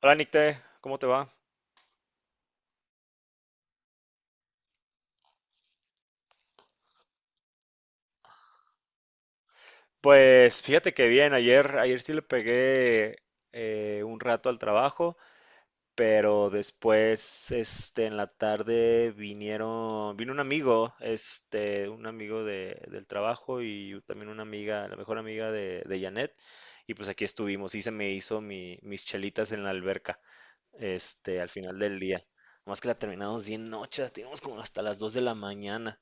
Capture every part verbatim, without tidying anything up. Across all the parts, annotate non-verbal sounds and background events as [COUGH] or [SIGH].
Hola Nicte, ¿cómo te va? Pues fíjate que bien, ayer, ayer sí le pegué eh, un rato al trabajo, pero después, este, en la tarde vinieron, vino un amigo, este, un amigo de- del trabajo y también una amiga, la mejor amiga de, de Janet, y pues aquí estuvimos, y se me hizo mi- mis chelitas en la alberca, este, al final del día. Más que la terminamos bien noche, la teníamos como hasta las dos de la mañana.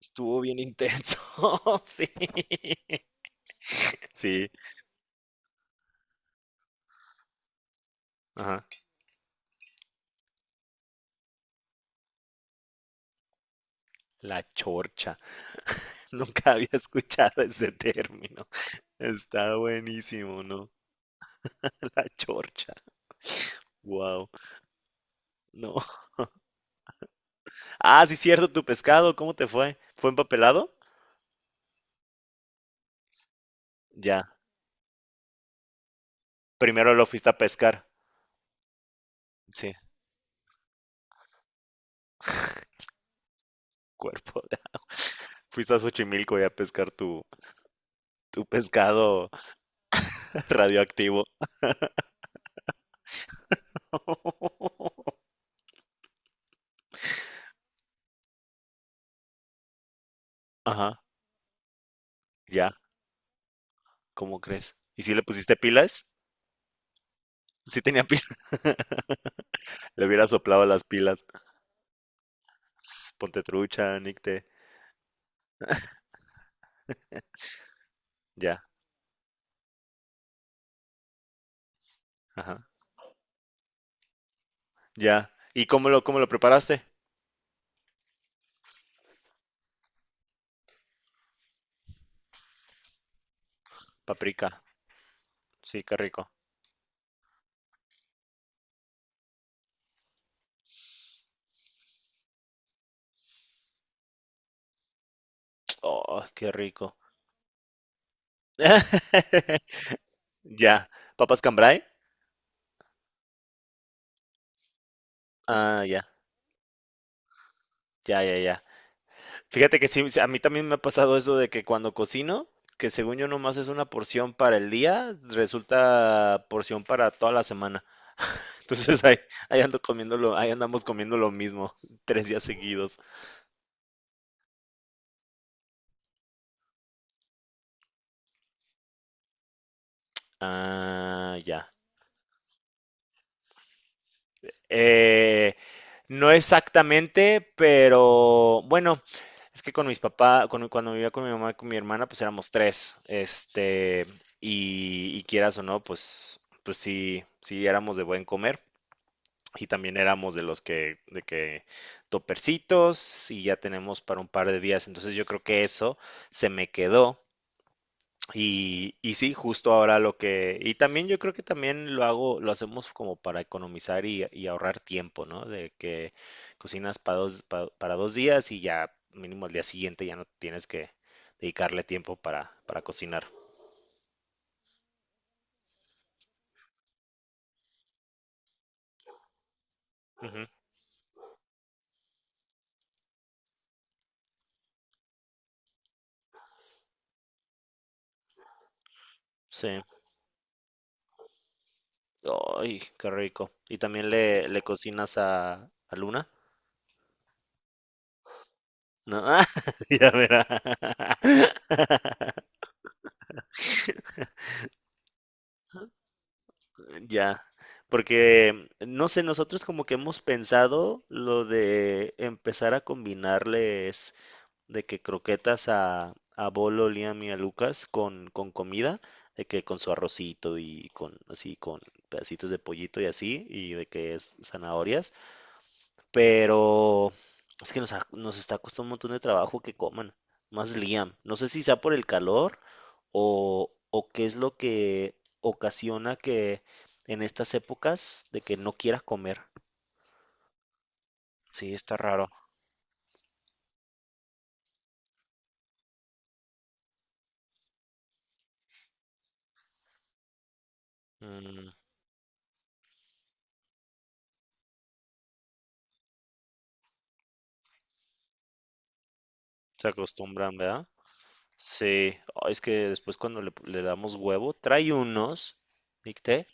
Estuvo bien intenso, [LAUGHS] sí. Sí, ajá. La chorcha. [LAUGHS] Nunca había escuchado ese término. Está buenísimo, ¿no? [LAUGHS] La chorcha. Wow. No. Ah, sí, cierto, tu pescado, ¿cómo te fue? ¿Fue empapelado? Ya. Primero lo fuiste a pescar. Sí, cuerpo. de- [LAUGHS] Fuiste a Xochimilco y a pescar tu, tu pescado [LAUGHS] radioactivo. [LAUGHS] Ajá, ya. ¿Cómo crees? ¿Y si le pusiste pilas? Sí tenía pilas. [LAUGHS] Le hubiera soplado las pilas. Ponte trucha, Nicte. Ya, ajá, ya. ¿Y cómo lo, cómo lo preparaste? Paprika. Sí, qué rico. Oh, qué rico. [LAUGHS] Ya. ¿Papas cambray? Ah, ya, ya, ya, ya. Fíjate que sí, sí, a mí también me ha pasado eso de que cuando cocino, que según yo nomás es una porción para el día, resulta porción para toda la semana. [LAUGHS] Entonces ahí, ahí ando comiendo lo- ahí andamos comiendo lo mismo [LAUGHS] tres días seguidos. Ah, ya. Eh, no exactamente, pero bueno, es que con mis papás, con- cuando vivía con mi mamá y con mi hermana, pues éramos tres, este, y, y quieras o no, pues, pues sí, sí éramos de buen comer. Y también éramos de los que, de que topercitos y ya tenemos para un par de días. Entonces yo creo que eso se me quedó y, y sí, justo ahora lo que, y también yo creo que también lo hago, lo hacemos como para economizar y, y ahorrar tiempo, ¿no? De que cocinas para dos, pa- para, dos días y ya mínimo al día siguiente ya no tienes que dedicarle tiempo para, para cocinar. Ujú, sí. Ay, qué rico. ¿Y también le, le cocinas a, a Luna? No, [LAUGHS] ya verá. [LAUGHS] Ya, porque no sé, nosotros como que hemos pensado lo de empezar a combinarles de que croquetas a, a Bolo, Liam y a Lucas con, con comida, de que con su arrocito y con así, con pedacitos de pollito y así, y de que es zanahorias, pero es que nos, ha- nos está costando un montón de trabajo que coman. Más Liam. No sé si sea por el calor o, o qué es lo que ocasiona que en estas épocas de que no quiera comer. Sí, está raro. Mm, Se acostumbran, ¿verdad? Sí. Ay, es que después cuando le, le damos huevo, trae unos, dicté.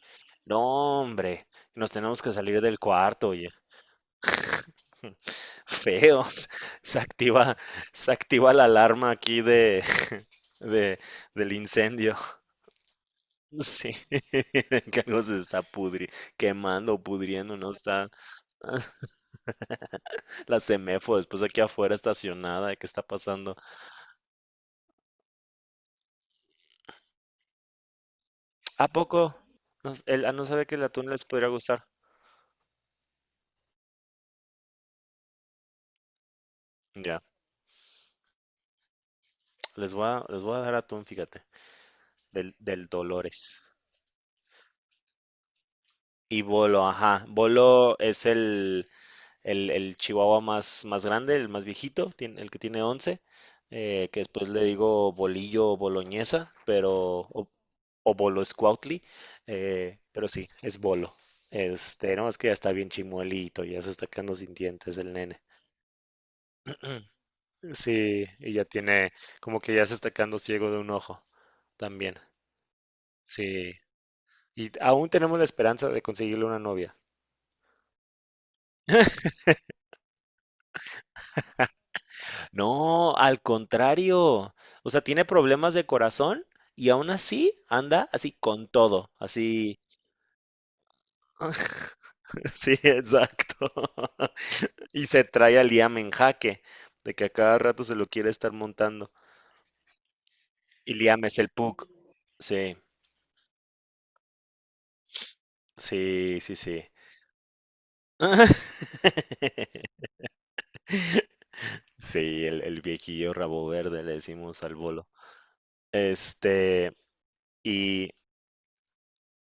No, hombre, nos tenemos que salir del cuarto, feos. [LAUGHS] Se activa, se activa la alarma aquí de, [LAUGHS] de- del incendio. [LAUGHS] Sí, [LAUGHS] que algo se está pudri, quemando o pudriendo, ¿no? Está la Semefo después aquí afuera estacionada. ¿Qué está pasando? ¿A poco? No, s- él ah, no sabe que el atún les podría gustar. Ya, les voy a, les voy a dar atún, fíjate, del, del Dolores. Y bolo, ajá. Bolo es el, el, el chihuahua más, más grande, el más viejito, tiene- el que tiene once eh, que después le digo bolillo o boloñesa, pero, o, o bolo scoutly, eh, pero sí, es bolo. Este, no, es que ya está bien chimuelito, ya se está quedando sin dientes el nene. [CLEARS THROAT] Sí, y ya tiene, como que ya se está quedando ciego de un ojo también. Sí, y aún tenemos la esperanza de conseguirle una novia. No, al contrario. O sea, tiene problemas de corazón y aún así anda así con todo, así. [LAUGHS] Sí, exacto. [LAUGHS] Y se trae a Liam en jaque, de que a cada rato se lo quiere estar montando. Y Liam es el Puck. Sí, sí, sí, sí. [LAUGHS] Sí, el, el viejillo rabo verde le decimos al bolo. Este, y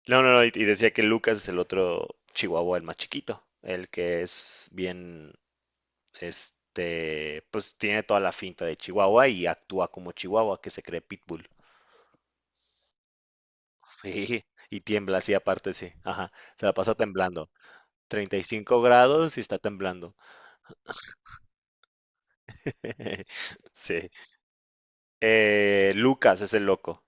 No, no, no, y y decía que Lucas es el otro chihuahua, el más chiquito, el que es bien, este, pues tiene toda la finta de chihuahua y actúa como chihuahua, que se cree pitbull. Sí, y tiembla así aparte, sí, ajá, se la pasa temblando. treinta y cinco grados y está temblando. [LAUGHS] Sí. Eh, Lucas es el loco.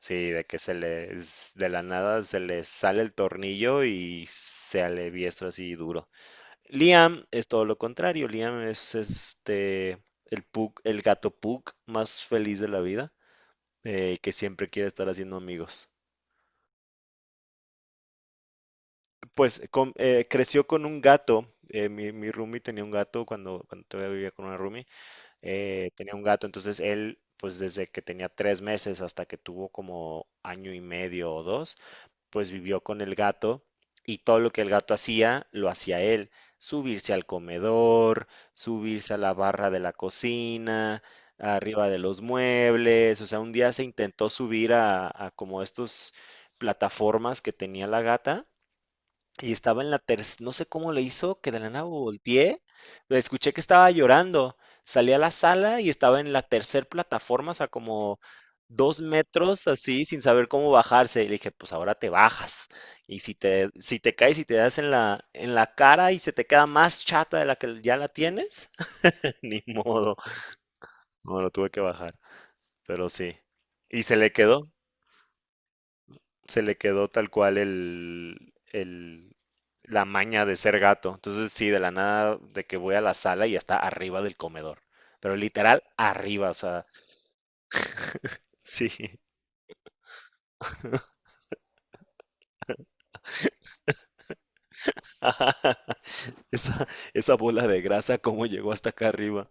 Sí, de que se le de la nada se le sale el tornillo y se aliviestra así duro. Liam es todo lo contrario. Liam es este el pug, el gato pug más feliz de la vida, eh, que siempre quiere estar haciendo amigos. Pues con- eh, creció con un gato. eh, mi, mi roomie tenía un gato cuando, cuando todavía vivía con una roomie. eh, tenía un gato, entonces él, pues desde que tenía tres meses hasta que tuvo como año y medio o dos, pues vivió con el gato y todo lo que el gato hacía, lo hacía él. Subirse al comedor, subirse a la barra de la cocina, arriba de los muebles. O sea, un día se intentó subir a, a como estos plataformas que tenía la gata y estaba en la tercera, no sé cómo le hizo, que de la nada volteé, la escuché que estaba llorando. Salí a la sala y estaba en la tercera plataforma, o sea, como dos metros así, sin saber cómo bajarse. Y le dije, pues ahora te bajas. Y si te, si te caes y te das en la, en la cara y se te queda más chata de la que ya la tienes, [LAUGHS] ni modo. No, lo tuve que bajar, pero sí. Y se le quedó, se le quedó tal cual el, el- la maña de ser gato. Entonces, sí, de la nada, de que voy a la sala y está arriba del comedor. Pero literal, arriba, o sea, sí. [LAUGHS] Esa, esa bola de grasa, ¿cómo llegó hasta acá arriba?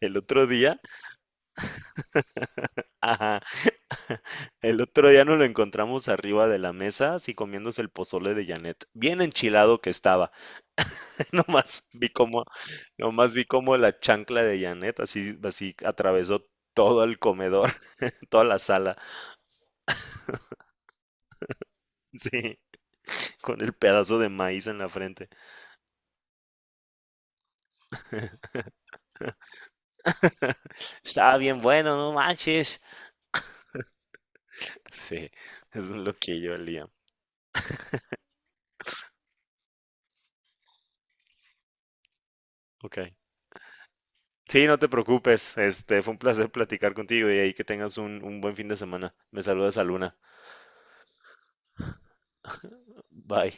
El otro día, ajá, el otro día nos lo encontramos arriba de la mesa, así comiéndose el pozole de Janet. Bien enchilado que estaba. [LAUGHS] Nomás vi cómo, nomás vi cómo la chancla de Janet así, así atravesó todo el comedor, toda la sala, [LAUGHS] sí, con el pedazo de maíz en la frente. Estaba bien bueno, no manches. Sí, eso es lo que yo olía. Ok. Sí, no te preocupes. Este, fue un placer platicar contigo y ahí que tengas un, un buen fin de semana. Me saludas a Luna. Bye.